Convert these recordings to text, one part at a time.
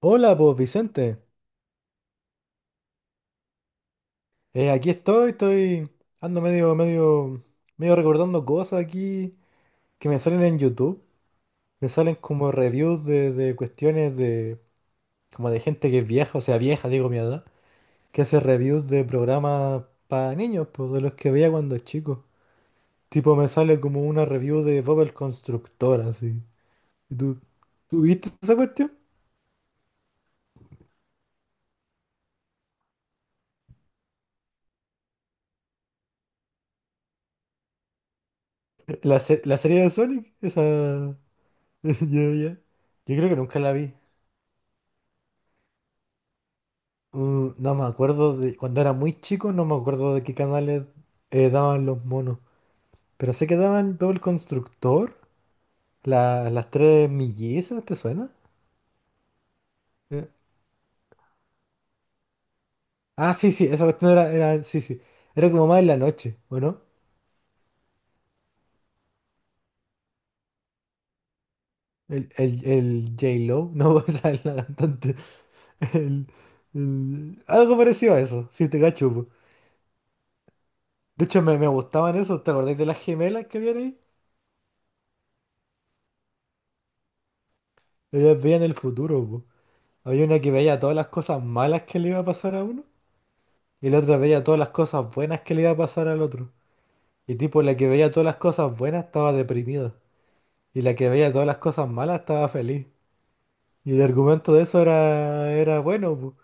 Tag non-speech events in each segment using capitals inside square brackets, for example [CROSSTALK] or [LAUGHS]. Hola, pues Vicente. Aquí estoy, ando medio recordando cosas aquí que me salen en YouTube. Me salen como reviews de cuestiones de, como de gente que es vieja, o sea, vieja, digo mi edad, que hace reviews de programas para niños, pues de los que veía cuando chico. Tipo, me sale como una review de Bob el Constructor, así. ¿Y tú viste esa cuestión? ¿La, se- la serie de Sonic? Esa. [LAUGHS] Yo, ya. Yo creo que nunca la vi. No me acuerdo de cuando era muy chico, no me acuerdo de qué canales daban los monos. Pero sé que daban todo el constructor, la- las tres mellizas, ¿te suena? Eh, ah, sí, sí, esa cuestión era, sí, sí. Era como más en la noche, ¿o no? El J-Lo, no, [LAUGHS] o sea, la cantante. El- el- algo parecido a eso, si te cacho, po. De hecho, me gustaban eso, ¿te acordás de las gemelas que habían ahí? Ellas veían el futuro, po. Había una que veía todas las cosas malas que le iba a pasar a uno. Y el otro veía todas las cosas buenas que le iba a pasar al otro. Y tipo, la que veía todas las cosas buenas estaba deprimida. Y la que veía todas las cosas malas estaba feliz. Y el argumento de eso era bueno, pu.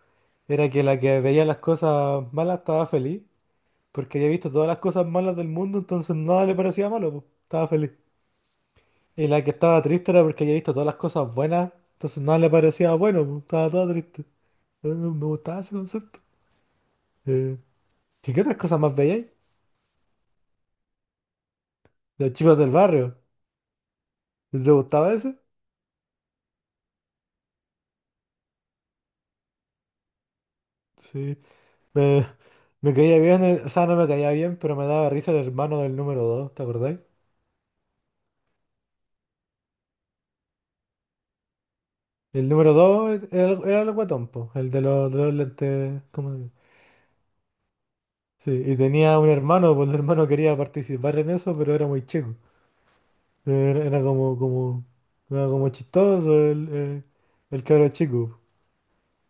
Era que la que veía las cosas malas estaba feliz. Porque había visto todas las cosas malas del mundo, entonces nada le parecía malo, pu. Estaba feliz. Y la que estaba triste era porque había visto todas las cosas buenas, entonces nada le parecía bueno, pu. Estaba toda triste. Me gustaba ese concepto. Eh, qué otras cosas más veíais? Los chicos del barrio. ¿Les gustaba ese? Sí, me, me caía bien, el- o sea, no me caía bien, pero me daba risa el hermano del número dos, ¿te acordáis? El número dos era el guatón, po, el de de los lentes, ¿cómo se dice? Sí, y tenía un hermano, pues el hermano quería participar en eso, pero era muy chico. Era, era como, como, era como chistoso el cabro chico.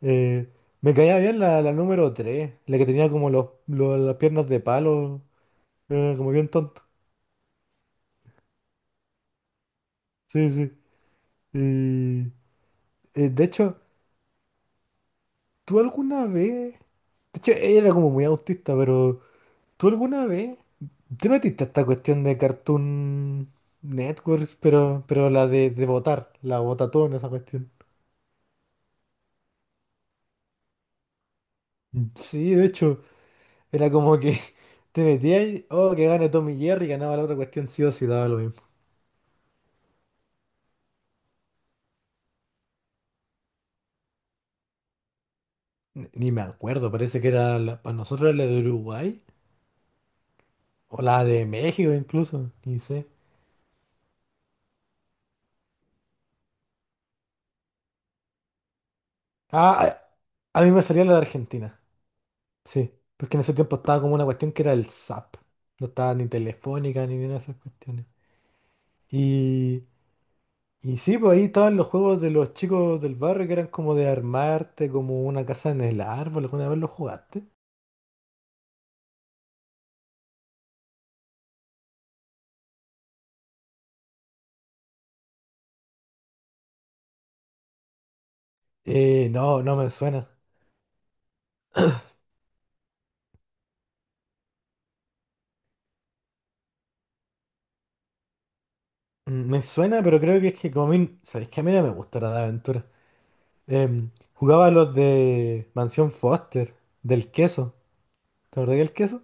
Eh, Me caía bien la número tres, la que tenía como las piernas de palo, como bien tonto. Sí, sí. Y, de hecho... ¿Tú alguna vez? De hecho, era como muy autista, pero ¿tú alguna vez te metiste a esta cuestión de Cartoon Networks, pero la de votar, la votatón, esa cuestión? Sí, de hecho, era como que [LAUGHS] te metías, y, oh, que gane Tommy Jerry, ganaba la otra cuestión sí o sí, daba lo mismo. Ni me acuerdo, parece que era la, para nosotros era la de Uruguay, o la de México incluso, ni sé. Ah, a mí me salía la de Argentina. Sí, porque en ese tiempo estaba como una cuestión que era el SAP. No estaba ni telefónica ni ninguna de esas cuestiones. Y, y sí, pues ahí estaban los juegos de los chicos del barrio que eran como de armarte, como una casa en el árbol. ¿Alguna vez lo jugaste? No, no me suena. Me suena, pero creo que es que como a mí, sabéis que a mí no me gusta la de aventura. Jugaba los de Mansión Foster, del queso. ¿Te acordás del queso?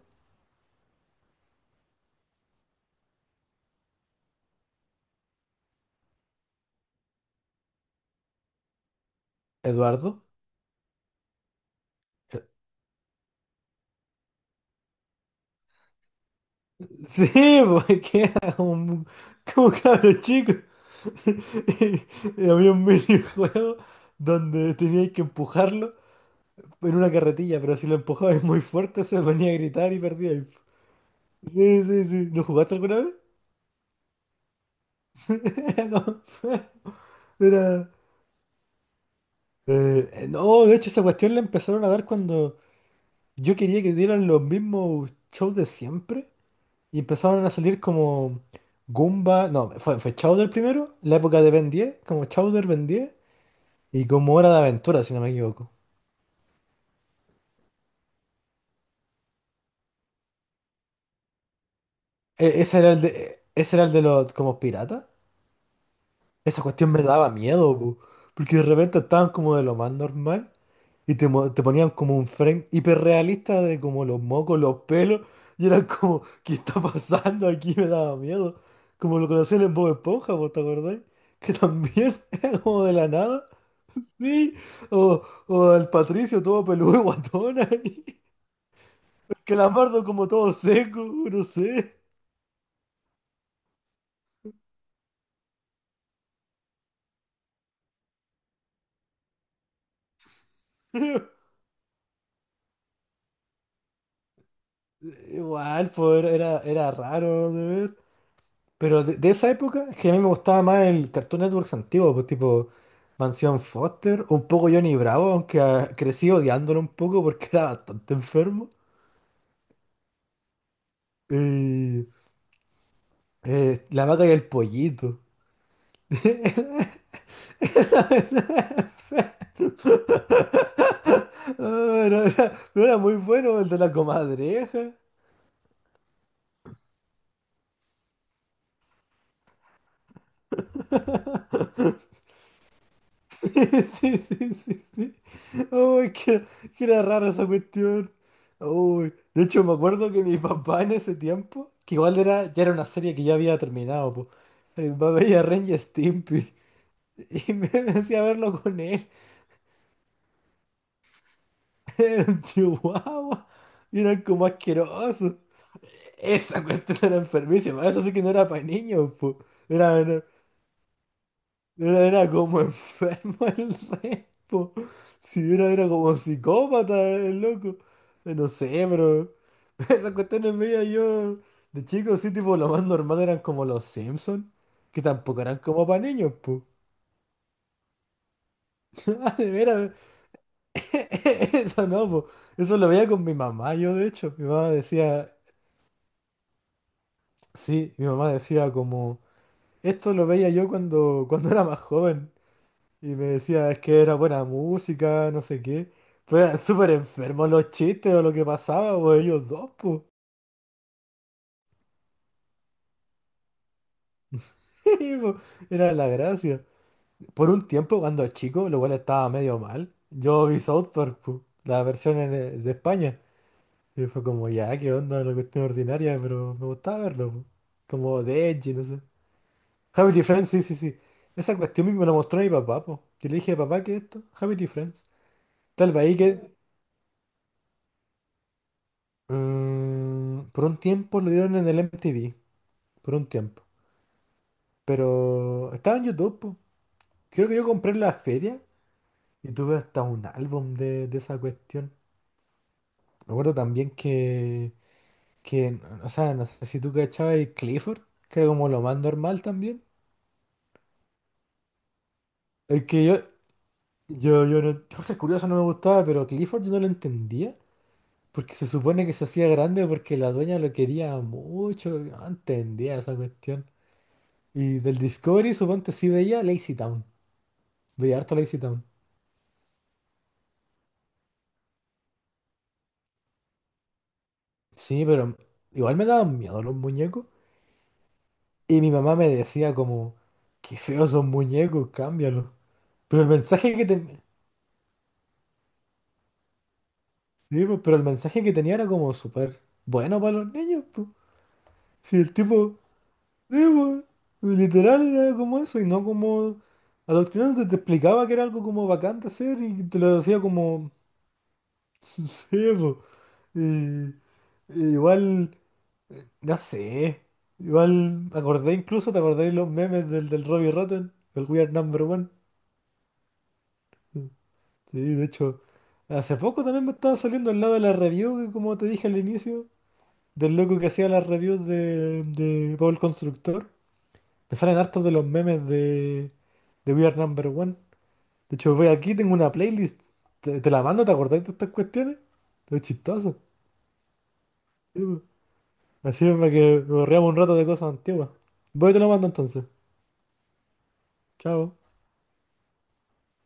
Eduardo. Sí, [LAUGHS] porque era como un cabro chico. [LAUGHS] Y había un minijuego donde teníais que empujarlo en una carretilla, pero si lo empujabais muy fuerte se ponía a gritar y perdíais. Sí, sí, sí. ¿Lo jugaste alguna vez? [LAUGHS] No. Era. No, de hecho, esa cuestión la empezaron a dar cuando yo quería que dieran los mismos shows de siempre y empezaron a salir como Goomba. No, fue Chowder primero, la época de Ben 10, como Chowder, Ben 10 y como Hora de Aventura, si no me equivoco. Ese era el de los como piratas. Esa cuestión me daba miedo, po, porque de repente estaban como de lo más normal y te ponían como un frame hiperrealista de como los mocos, los pelos, y era como, ¿qué está pasando aquí? Me daba miedo. Como lo que hacían en Bob Esponja, po, ¿te acordáis? Que también [LAUGHS] era como de la nada. Sí, o, o el Patricio todo peludo y guatón ahí. Calamardo como todo seco, no sé. [LAUGHS] Igual, pues era raro de ver. Pero de esa época, es que a mí me gustaba más el Cartoon Networks antiguo, pues tipo Mansión Foster, un poco Johnny Bravo, aunque ah, crecí odiándolo un poco porque [LAUGHS] era bastante enfermo. Y la vaca y el pollito. [LAUGHS] Ah, no era muy bueno el de la comadreja. [LAUGHS] Sí, sí, sí, sí. Uy, que era rara esa cuestión. Uy, de hecho me acuerdo que mi papá en ese tiempo, que igual era, ya era una serie que ya había terminado, po. Mi papá veía Ren y Stimpy y me [LAUGHS] decía verlo con él. [LAUGHS] Era un chihuahua y eran como asquerosos. Esa cuestión era enfermísima, eso sí que no era para niños, po. Era, no era como [LAUGHS] enfermo el repo. Si era como psicópata el loco. No sé, pero [LAUGHS] esas cuestiones mías yo de chico sí, tipo lo más normal eran como los Simpsons, que tampoco eran como para niños, po. [LAUGHS] Ah, de veras, [LAUGHS] eso no, po. Eso lo veía con mi mamá, yo de hecho. Mi mamá decía, sí, mi mamá decía como, esto lo veía yo cuando era más joven. Y me decía, es que era buena música, no sé qué. Pero eran súper enfermos los chistes o lo que pasaba, pues ellos dos, pues. [LAUGHS] Y, pues, era la gracia. Por un tiempo, cuando chico, lo cual estaba medio mal, yo vi South Park, pues, la versión en, de España. Y fue como, ya, qué onda, la cuestión ordinaria, pero me gustaba verlo, pues. Como de Edgy, no sé. Happy Friends, sí, sí, sí. Esa cuestión me la mostró mi papá, pues. Que le dije, papá, ¿qué es esto? Happy Friends. Tal vez ahí que, Mm, Por un tiempo lo dieron en el MTV, por un tiempo. Pero estaba en YouTube, po. Creo que yo compré en la feria y tuve hasta un álbum de esa cuestión. Me acuerdo también que, o sea, no sé si tú cachabas el Clifford, que era como lo más normal también. Es que yo no, Jorge Curioso no me gustaba, pero Clifford yo no lo entendía. Porque se supone que se hacía grande porque la dueña lo quería mucho. Yo no entendía esa cuestión. Y del Discovery, suponte, sí veía Lazy Town. Veía harto Lazy Town. Sí, pero igual me daban miedo los muñecos. Y mi mamá me decía como, qué feos son muñecos, cámbialos. Pero el mensaje que te... sí, pues, pero el mensaje que tenía era como súper bueno para los niños, pues. Sí, el tipo, sí, pues, literal era como eso y no como adoctrinante, te explicaba que era algo como bacán de hacer y te lo decía como, [LAUGHS] sí, pues. Y- y igual. No sé. Igual, acordé incluso, ¿te acordáis los memes del Robbie Rotten? El We Are Number One. Sí, de hecho, hace poco también me estaba saliendo al lado de la review, que como te dije al inicio, del loco que hacía las reviews de Paul Constructor. Me salen hartos de los memes de We Are Number One. De hecho, voy aquí, tengo una playlist. Te la mando, ¿te acordáis de estas cuestiones? Es chistoso. Sí, pues. Así es para que nos reamos un rato de cosas antiguas. Voy y te lo mando entonces. Chao.